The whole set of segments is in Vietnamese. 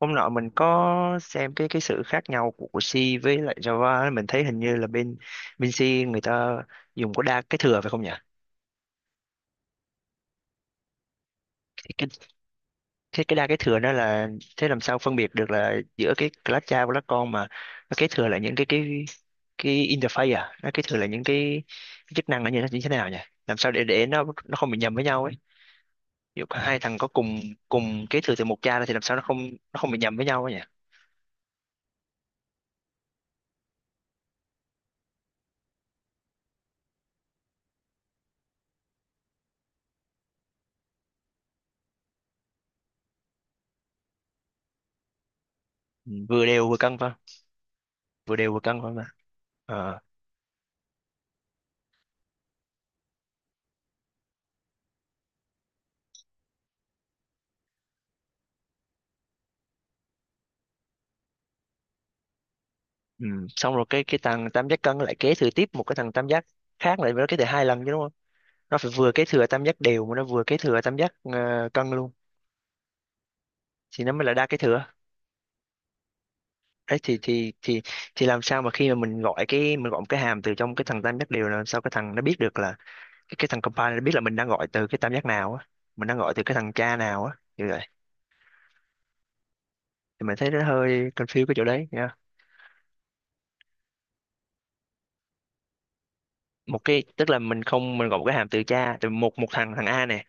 Hôm nọ mình có xem cái sự khác nhau của C với lại Java ấy, mình thấy hình như là bên bên C người ta dùng có đa cái thừa phải không nhỉ? Cái cái đa cái thừa đó là thế làm sao phân biệt được là giữa cái class cha và class con mà nó kế thừa là những cái interface à, nó kế thừa là những cái chức năng là như thế nào nhỉ? Làm sao để nó không bị nhầm với nhau ấy. Ví dụ hai thằng có cùng cùng kế thừa từ một cha thì làm sao nó không bị nhầm với nhau ấy nhỉ? Ừ, vừa đều vừa cân phải không? Vừa đều vừa cân phải không ạ? Ờ. Ừ. Xong rồi cái thằng tam giác cân lại kế thừa tiếp một cái thằng tam giác khác, lại nó kế thừa hai lần chứ đúng không, nó phải vừa kế thừa tam giác đều mà nó vừa kế thừa tam giác cân luôn, thì nó mới là đa kế thừa. Đấy thì thì làm sao mà khi mà mình gọi một cái hàm từ trong cái thằng tam giác đều, là làm sao cái thằng nó biết được là cái thằng compiler nó biết là mình đang gọi từ cái tam giác nào á, mình đang gọi từ cái thằng cha nào á. Như vậy thì mình thấy nó hơi confused cái chỗ đấy nha. Một cái tức là mình không mình gọi một cái hàm từ cha, từ một một thằng thằng A nè,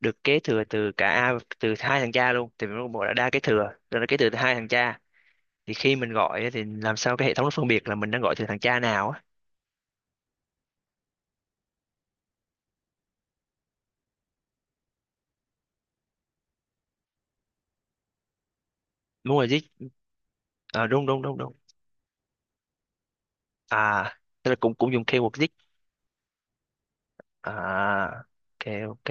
được kế thừa từ cả từ hai thằng cha luôn, thì mình có bộ là đa kế thừa rồi, nó kế thừa từ hai thằng cha, thì khi mình gọi á, thì làm sao cái hệ thống nó phân biệt là mình đang gọi từ thằng cha nào á? Đúng rồi, dích. À, đúng đúng đúng đúng. À tức là cũng cũng dùng keyword dích. À, ok ok.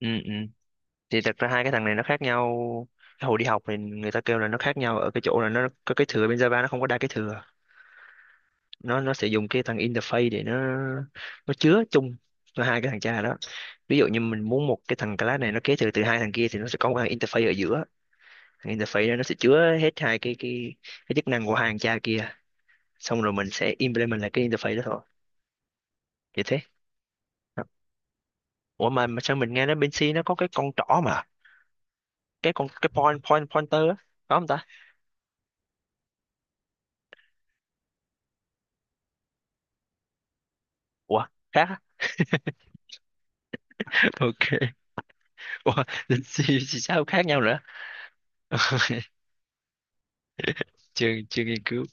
Ừ ừ, thì thật ra hai cái thằng này nó khác nhau. Cái hồi đi học thì người ta kêu là nó khác nhau ở cái chỗ là nó có cái thừa, bên Java nó không có đa cái thừa, nó sẽ dùng cái thằng interface để nó chứa chung cho hai cái thằng cha đó. Ví dụ như mình muốn một cái thằng class này nó kế thừa từ hai thằng kia, thì nó sẽ có một thằng interface ở giữa, thằng interface đó nó sẽ chứa hết hai cái chức năng của hai thằng cha kia, xong rồi mình sẽ implement lại cái interface đó thôi. Vậy thế. Ủa mà sao mình nghe nói bên C nó có cái con trỏ mà, cái con cái point point pointer á, có không ta? Ủa khác á? Ok. Ủa bên C thì sao khác nhau nữa? chưa chưa nghiên cứu.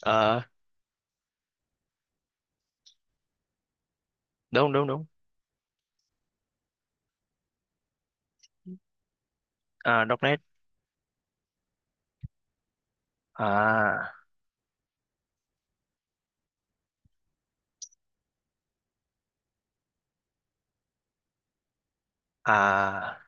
Ờ, đúng đúng đúng. À, nét. À à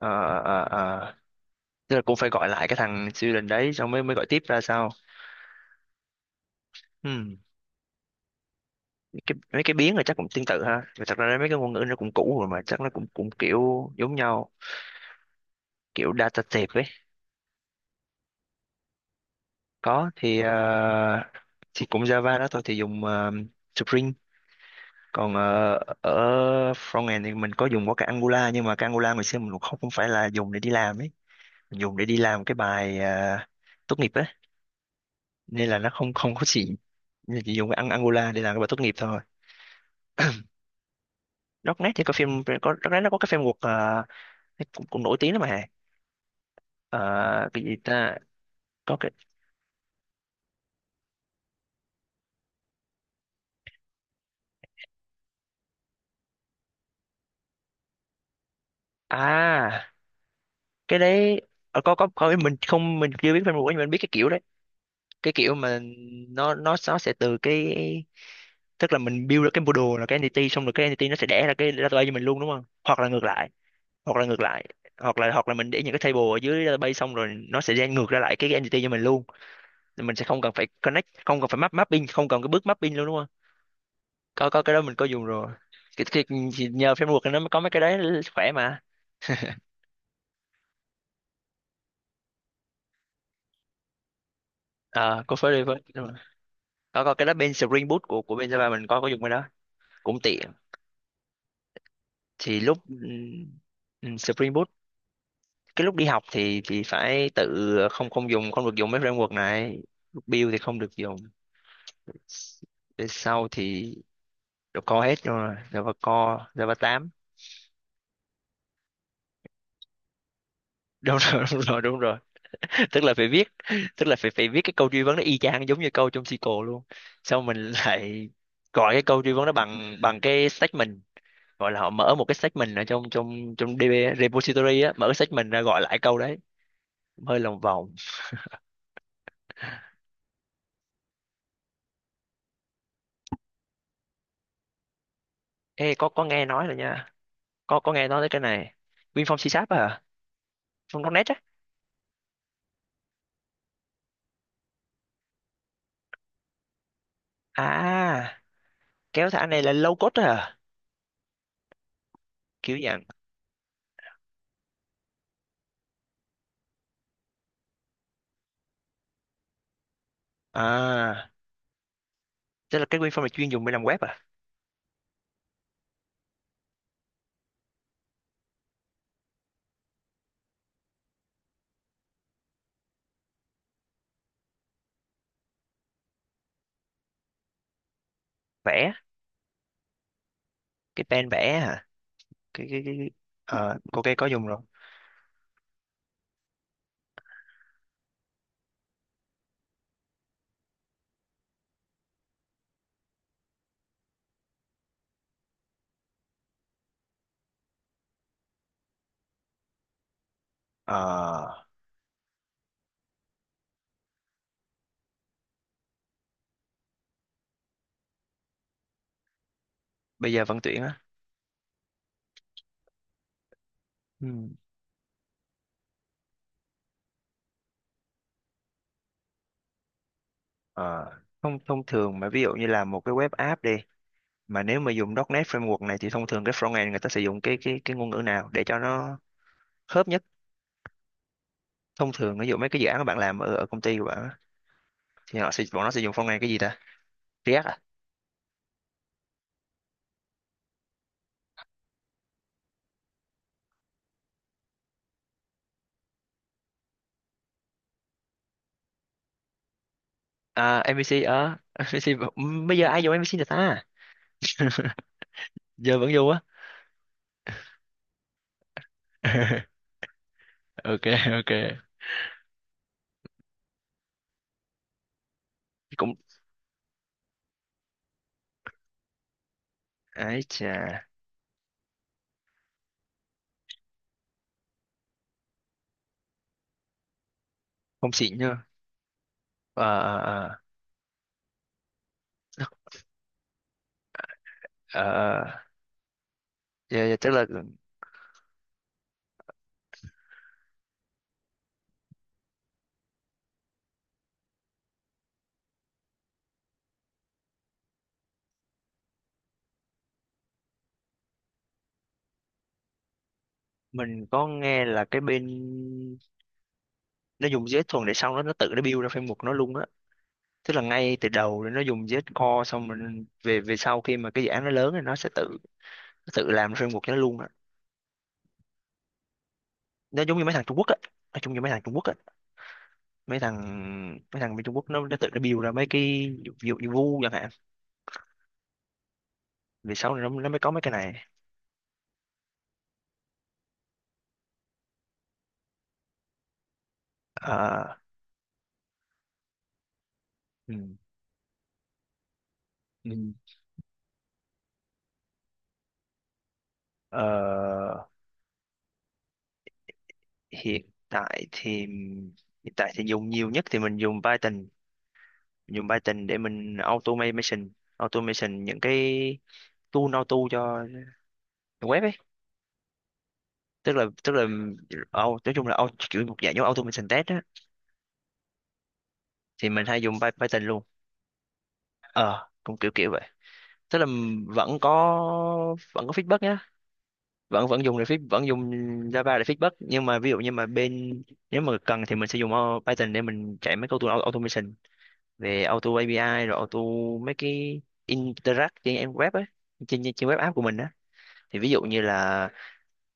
à à, à. Tức là cũng phải gọi lại cái thằng siêu đình đấy, xong mới mới gọi tiếp ra sao. Ừm, cái, mấy cái biến là chắc cũng tương tự ha. Và thật ra mấy cái ngôn ngữ nó cũng cũ rồi mà, chắc nó cũng cũng kiểu giống nhau, kiểu data type ấy. Có thì thì cũng Java đó thôi, thì dùng Spring. Còn ở frontend thì mình có dùng có cái Angular, nhưng mà cái Angular ngày xưa mình cũng không không phải là dùng để đi làm ấy, mình dùng để đi làm cái bài tốt nghiệp ấy, nên là nó không không có gì, nên chỉ dùng cái Angular để làm cái bài tốt nghiệp thôi. Darknet thì có phim, có Darknet nó có cái phim cuộc cũng, cũng nổi tiếng lắm mà. Ờ, cái gì ta, có cái. À cái đấy, ờ, có, mình chưa biết phim cuộc nhưng mình biết cái kiểu đấy, cái kiểu mà nó nó sẽ từ cái, tức là mình build được cái model là cái entity, xong rồi cái entity nó sẽ đẻ ra cái database cho mình luôn đúng không, hoặc là ngược lại, hoặc là ngược lại. Hoặc là mình để những cái table ở dưới database xong rồi nó sẽ gen ngược ra lại cái entity cho mình luôn. Thì mình sẽ không cần phải connect, không cần phải mapping, không cần cái bước mapping luôn đúng không. Có có cái đó mình có dùng rồi, cái, thì nhờ framework này nó mới có mấy cái đấy khỏe mà. Ờ có phải đi với đúng rồi. Có cái đó bên Spring Boot của bên Java mình có dùng cái đó, cũng tiện. Thì lúc Spring Boot, cái lúc đi học thì phải tự, không không dùng, không được dùng mấy framework này, lúc build thì không được dùng. Về sau thì Java hết rồi, Java Core Java tám. Đúng rồi đúng rồi đúng rồi, tức là phải viết, tức là phải phải viết cái câu truy vấn nó y chang giống như câu trong SQL luôn, xong mình lại gọi cái câu truy vấn đó bằng bằng cái statement, gọi là họ mở một cái statement ở trong trong trong DB repository á, mở cái statement ra gọi lại câu đấy, hơi lòng vòng. Ê có nghe nói rồi nha, có nghe nói tới cái này. WinForm C# à? From .NET á? À kéo thả này là low code à? Kiểu dạng. À tức là cái WinForm này chuyên dùng để làm web à? Vẽ, cái pen vẽ à, cái ờ ok có dùng rồi. Ờ bây giờ vẫn tuyển á? Ừ. Ờ, thông thông thường mà ví dụ như là một cái web app đi, mà nếu mà dùng .NET framework này thì thông thường cái frontend người ta sử dụng cái ngôn ngữ nào để cho nó khớp nhất? Thông thường ví dụ mấy cái dự án mà bạn làm ở, ở công ty của bạn á, thì họ sẽ bọn nó sẽ dùng frontend cái gì ta, React à? À MVC ờ MVC bây giờ ai dùng MVC được ta? Giờ vẫn dùng á? Ok ok. Cũng ấy chà. Không xịn nhá. Ờ ờ ờ. Ờ, ờ. Ờ. Dạ, dạ, tức là mình có nghe là cái bên nó dùng JS thuần để, xong đó nó tự nó build ra framework nó luôn á, tức là ngay từ đầu nó dùng JS Core, xong mình về về sau khi mà cái dự án nó lớn thì nó sẽ tự, nó tự làm framework cho nó luôn á. Nó giống như mấy thằng Trung Quốc á, nó giống như mấy thằng Trung Quốc á, mấy thằng mấy thằng bên Trung Quốc nó tự nó build ra mấy cái, ví dụ như, chẳng hạn, về sau này nó mới có mấy cái này. Ờ, ừ, ừ. Ờ, hiện tại thì, hiện tại thì dùng nhiều nhất thì mình dùng Python, dùng Python để mình automation, automation những cái tool auto cho web ấy, tức là nói chung là kiểu một dạng giống automation test á, thì mình hay dùng Python luôn. Ờ cũng kiểu kiểu vậy, tức là vẫn có vẫn có feedback nhá, vẫn vẫn dùng để vẫn dùng Java để feedback, nhưng mà ví dụ như mà bên, nếu mà cần thì mình sẽ dùng Python để mình chạy mấy câu tool automation về auto API rồi auto mấy cái interact trên em web ấy, trên trên web app của mình á, thì ví dụ như là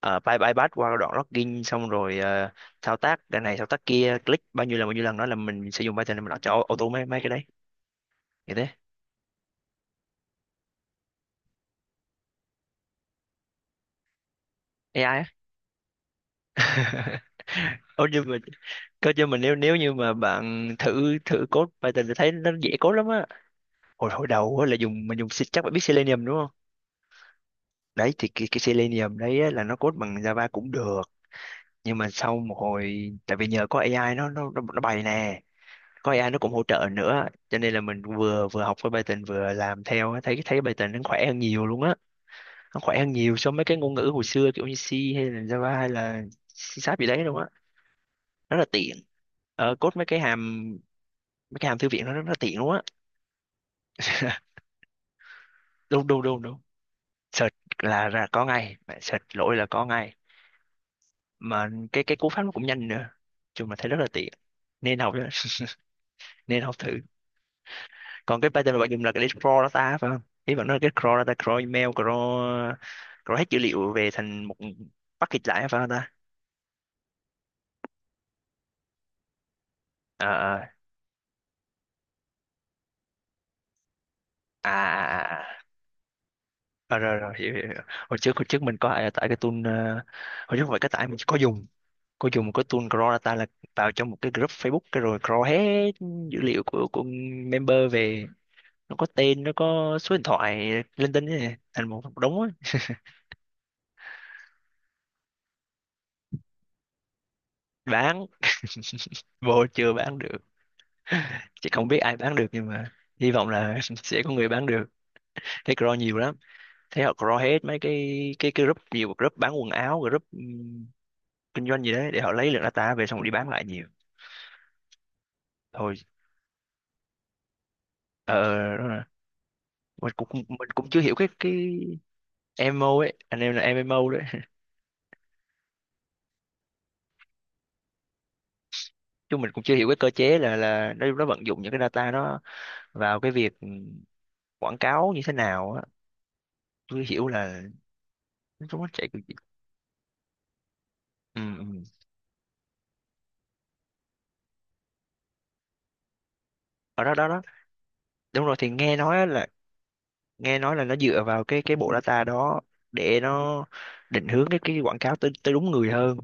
bay bay bắt qua đoạn login xong rồi thao tác cái này thao tác kia, click bao nhiêu lần đó là mình sẽ dùng Python để mình làm cho auto mấy mấy cái đấy như thế. AI á. Ô, nhưng mà cơ chứ mà nếu nếu như mà bạn thử thử code Python thì thấy nó dễ code lắm á. Hồi hồi đầu á là mình dùng chắc bạn biết Selenium đúng không, đấy thì cái Selenium đấy á, là nó code bằng Java cũng được, nhưng mà sau một hồi tại vì nhờ có AI nó nó bày nè, có AI nó cũng hỗ trợ nữa, cho nên là mình vừa vừa học với Python vừa làm theo á, thấy thấy Python nó khỏe hơn nhiều luôn á, nó khỏe hơn nhiều so với cái ngôn ngữ hồi xưa kiểu như C hay là Java hay là C Sharp gì đấy luôn á, rất là tiện. Ờ, code mấy cái hàm, mấy cái hàm thư viện nó rất là tiện luôn á. Đúng đúng đúng đúng, search là ra có ngay, bạn search lỗi là có ngay, mà cái cú pháp nó cũng nhanh nữa, chung là thấy rất là tiện, nên học nhá, nên học thử. Còn cái pattern mà bạn dùng là cái để crawl data phải không, ý bạn nói là cái crawl data, crawl email, crawl crawl hết dữ liệu về thành một package lại phải không ta? Ờ, ờ. À à à à. Ờ, rồi rồi hiểu, hiểu. Hiểu. Hồi trước mình có ai tải cái tool hồi trước không phải cái tải, mình có dùng, có dùng một cái tool crawl data là vào trong một cái group Facebook cái rồi crawl hết dữ liệu của member về, nó có tên nó có số điện thoại linh tinh ấy, thành một đống ấy. Bán vô chưa bán được, chị không biết ai bán được nhưng mà hy vọng là sẽ có người bán được, thấy crawl nhiều lắm, thấy họ crawl hết mấy cái cái group, nhiều group bán quần áo, group kinh doanh gì đấy, để họ lấy lượng data về xong đi bán lại nhiều thôi. Ờ đó là, mình cũng chưa hiểu cái MMO ấy, anh em là MMO đấy. Chứ mình cũng chưa hiểu cái cơ chế là nó vận dụng những cái data nó vào cái việc quảng cáo như thế nào á, chưa hiểu là nó chạy kiểu gì. Ừ, ừ. Ở đó đó đó, đúng rồi thì nghe nói á là, nghe nói là nó dựa vào cái bộ data đó để nó định hướng cái quảng cáo tới tới đúng người hơn,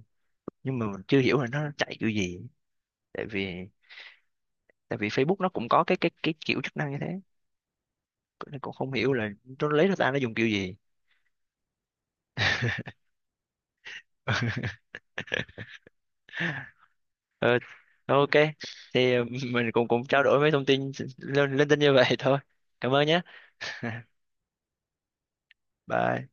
nhưng mà mình chưa hiểu là nó chạy kiểu gì, tại vì Facebook nó cũng có cái kiểu chức năng như thế, nên cũng không hiểu là nó lấy data nó dùng kiểu gì. Ờ, ok, thì mình cũng cũng trao đổi mấy thông tin lên linh tinh như vậy thôi, cảm ơn nhé. Bye.